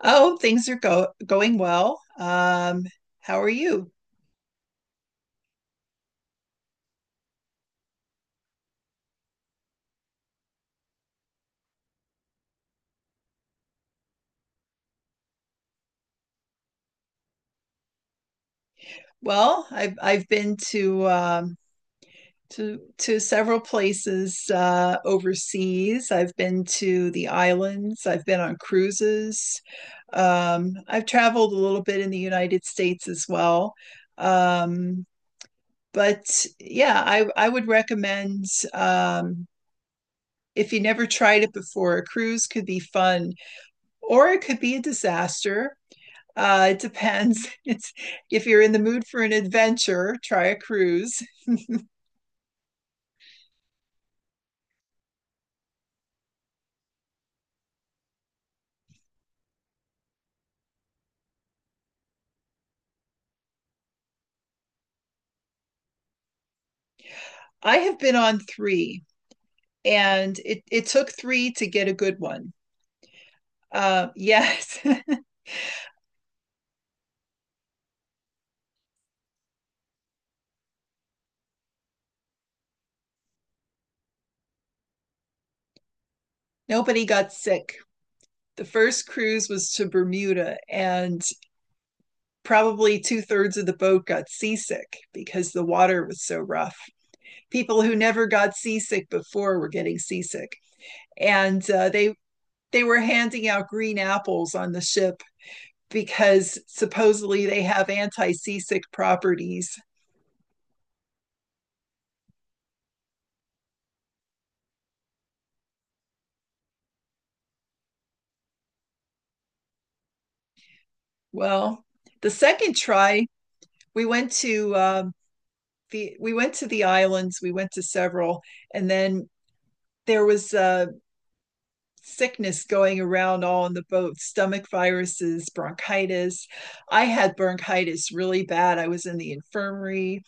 Oh, things are go going well. How are you? Well, I've been to several places overseas. I've been to the islands. I've been on cruises. I've traveled a little bit in the United States as well. Um, but yeah, I would recommend um, if you never tried it before, a cruise could be fun or it could be a disaster. It depends. It's if you're in the mood for an adventure, try a cruise. I have been on three, and it took three to get a good one. Yes. Nobody got sick. The first cruise was to Bermuda, and probably two-thirds of the boat got seasick because the water was so rough. People who never got seasick before were getting seasick, and they were handing out green apples on the ship because supposedly they have anti-seasick properties. Well, the second try, we went to the we went to the islands. We went to several, and then there was sickness going around all in the boat, stomach viruses, bronchitis. I had bronchitis really bad. I was in the infirmary.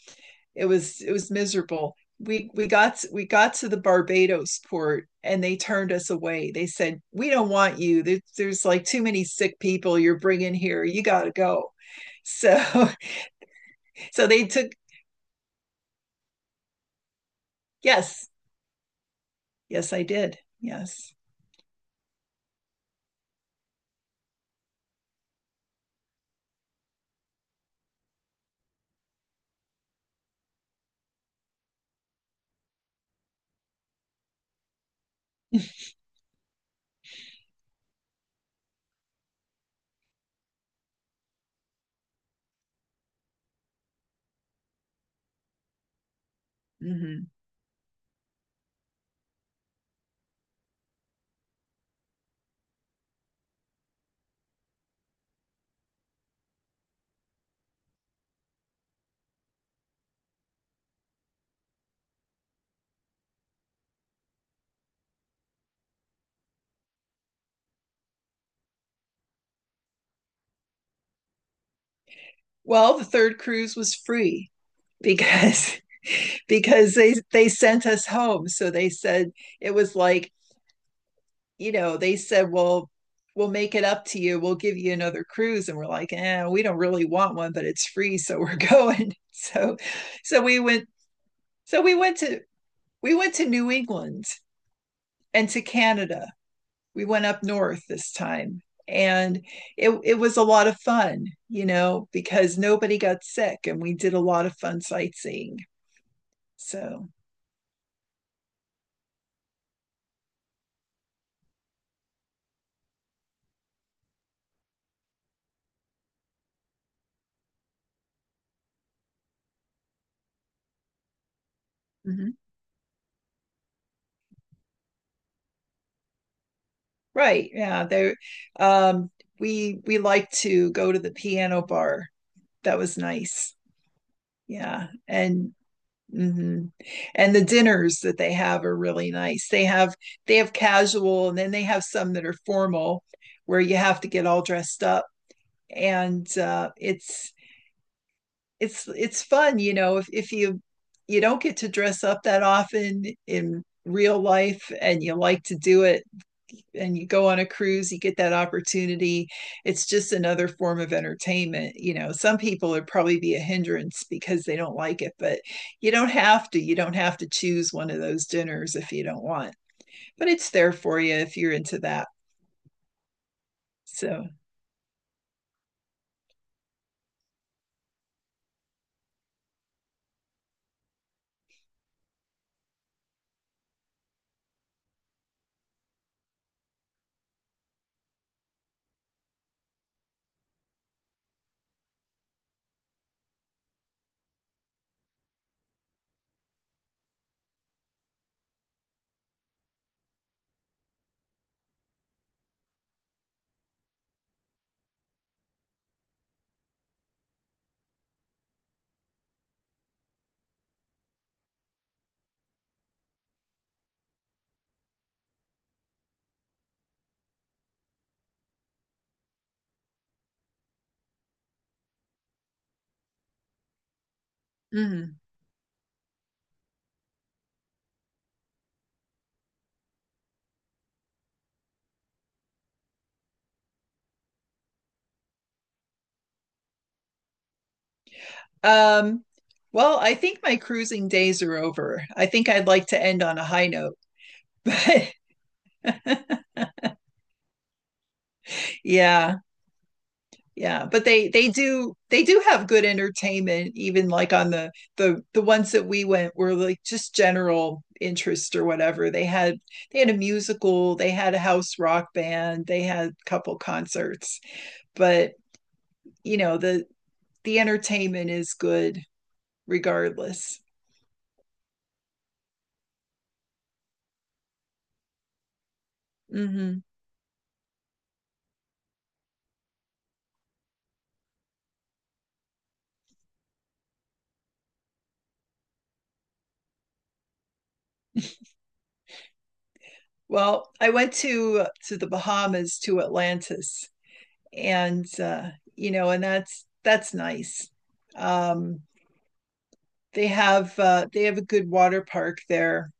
It was miserable. We got we got to the Barbados port and they turned us away. They said, "We don't want you. There's like too many sick people you're bringing here. You got to go." So so they took, yes. Yes, I did. Yes. Mm-hmm. Well, the third cruise was free, because because they sent us home. So they said it was like, you know, they said, well, we'll make it up to you, we'll give you another cruise, and we're like, eh, we don't really want one, but it's free, so we're going. So so we went so we went to we went to New England and to Canada. We went up north this time, and it was a lot of fun, you know, because nobody got sick and we did a lot of fun sightseeing. So mm-hmm. Right. Yeah. Um, we liked to go to the piano bar. That was nice. Yeah. And mhm, and the dinners that they have are really nice. They have casual, and then they have some that are formal where you have to get all dressed up. And it's fun, you know, if you don't get to dress up that often in real life and you like to do it, and you go on a cruise, you get that opportunity. It's just another form of entertainment. You know, some people would probably be a hindrance because they don't like it, but you don't have to. You don't have to choose one of those dinners if you don't want, but it's there for you if you're into that. So, mm-hmm. um, well I think my cruising days are over. I think I'd like to end on a high note, but yeah. Yeah, but they they do have good entertainment. Even like on the ones that we went were like just general interest or whatever. They had a musical, they had a house rock band, they had a couple concerts. But you know, the entertainment is good regardless. Hmm. Well, I went to the Bahamas, to Atlantis. And uh, you know, and that's nice. Um, they have a good water park there.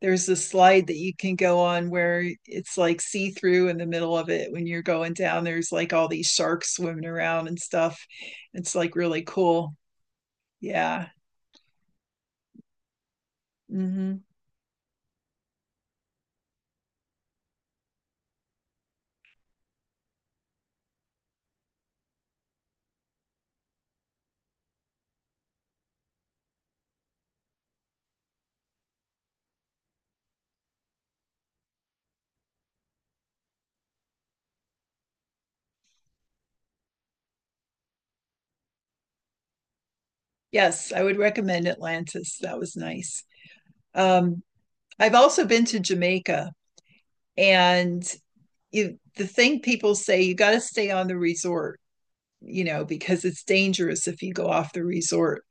There's a slide that you can go on where it's like see through in the middle of it when you're going down. There's like all these sharks swimming around and stuff. It's like really cool. Yeah. Hmm. Yes, I would recommend Atlantis. That was nice. Um, I've also been to Jamaica, and the thing people say, you got to stay on the resort, you know, because it's dangerous if you go off the resort.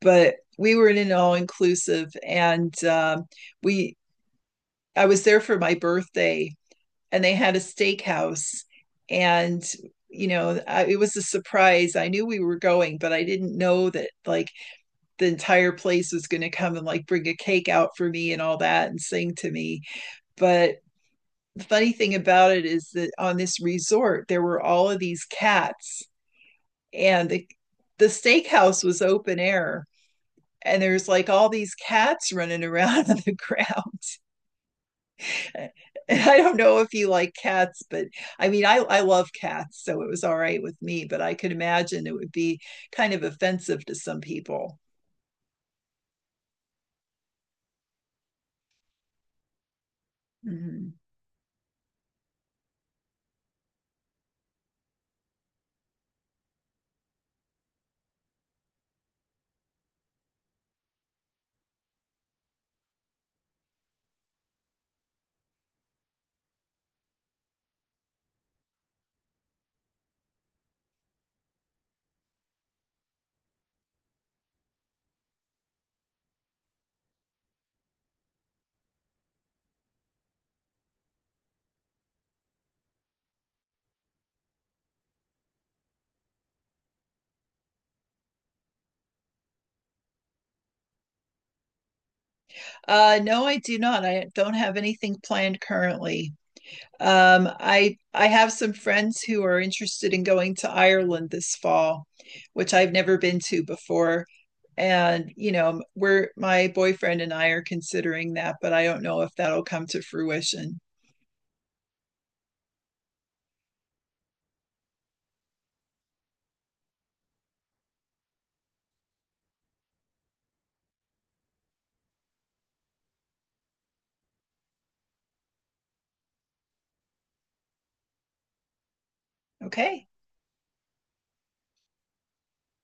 But we were in an all inclusive, and we I was there for my birthday, and they had a steakhouse, and it was a surprise. I knew we were going, but I didn't know that, like, the entire place was going to come and like bring a cake out for me and all that and sing to me. But the funny thing about it is that on this resort there were all of these cats, and the steakhouse was open air, and there's like all these cats running around on the ground. And I don't know if you like cats, but I mean, I love cats, so it was all right with me, but I could imagine it would be kind of offensive to some people. Mhm. No, I do not. I don't have anything planned currently. I have some friends who are interested in going to Ireland this fall, which I've never been to before. And you know, we're my boyfriend and I are considering that, but I don't know if that'll come to fruition. Okay.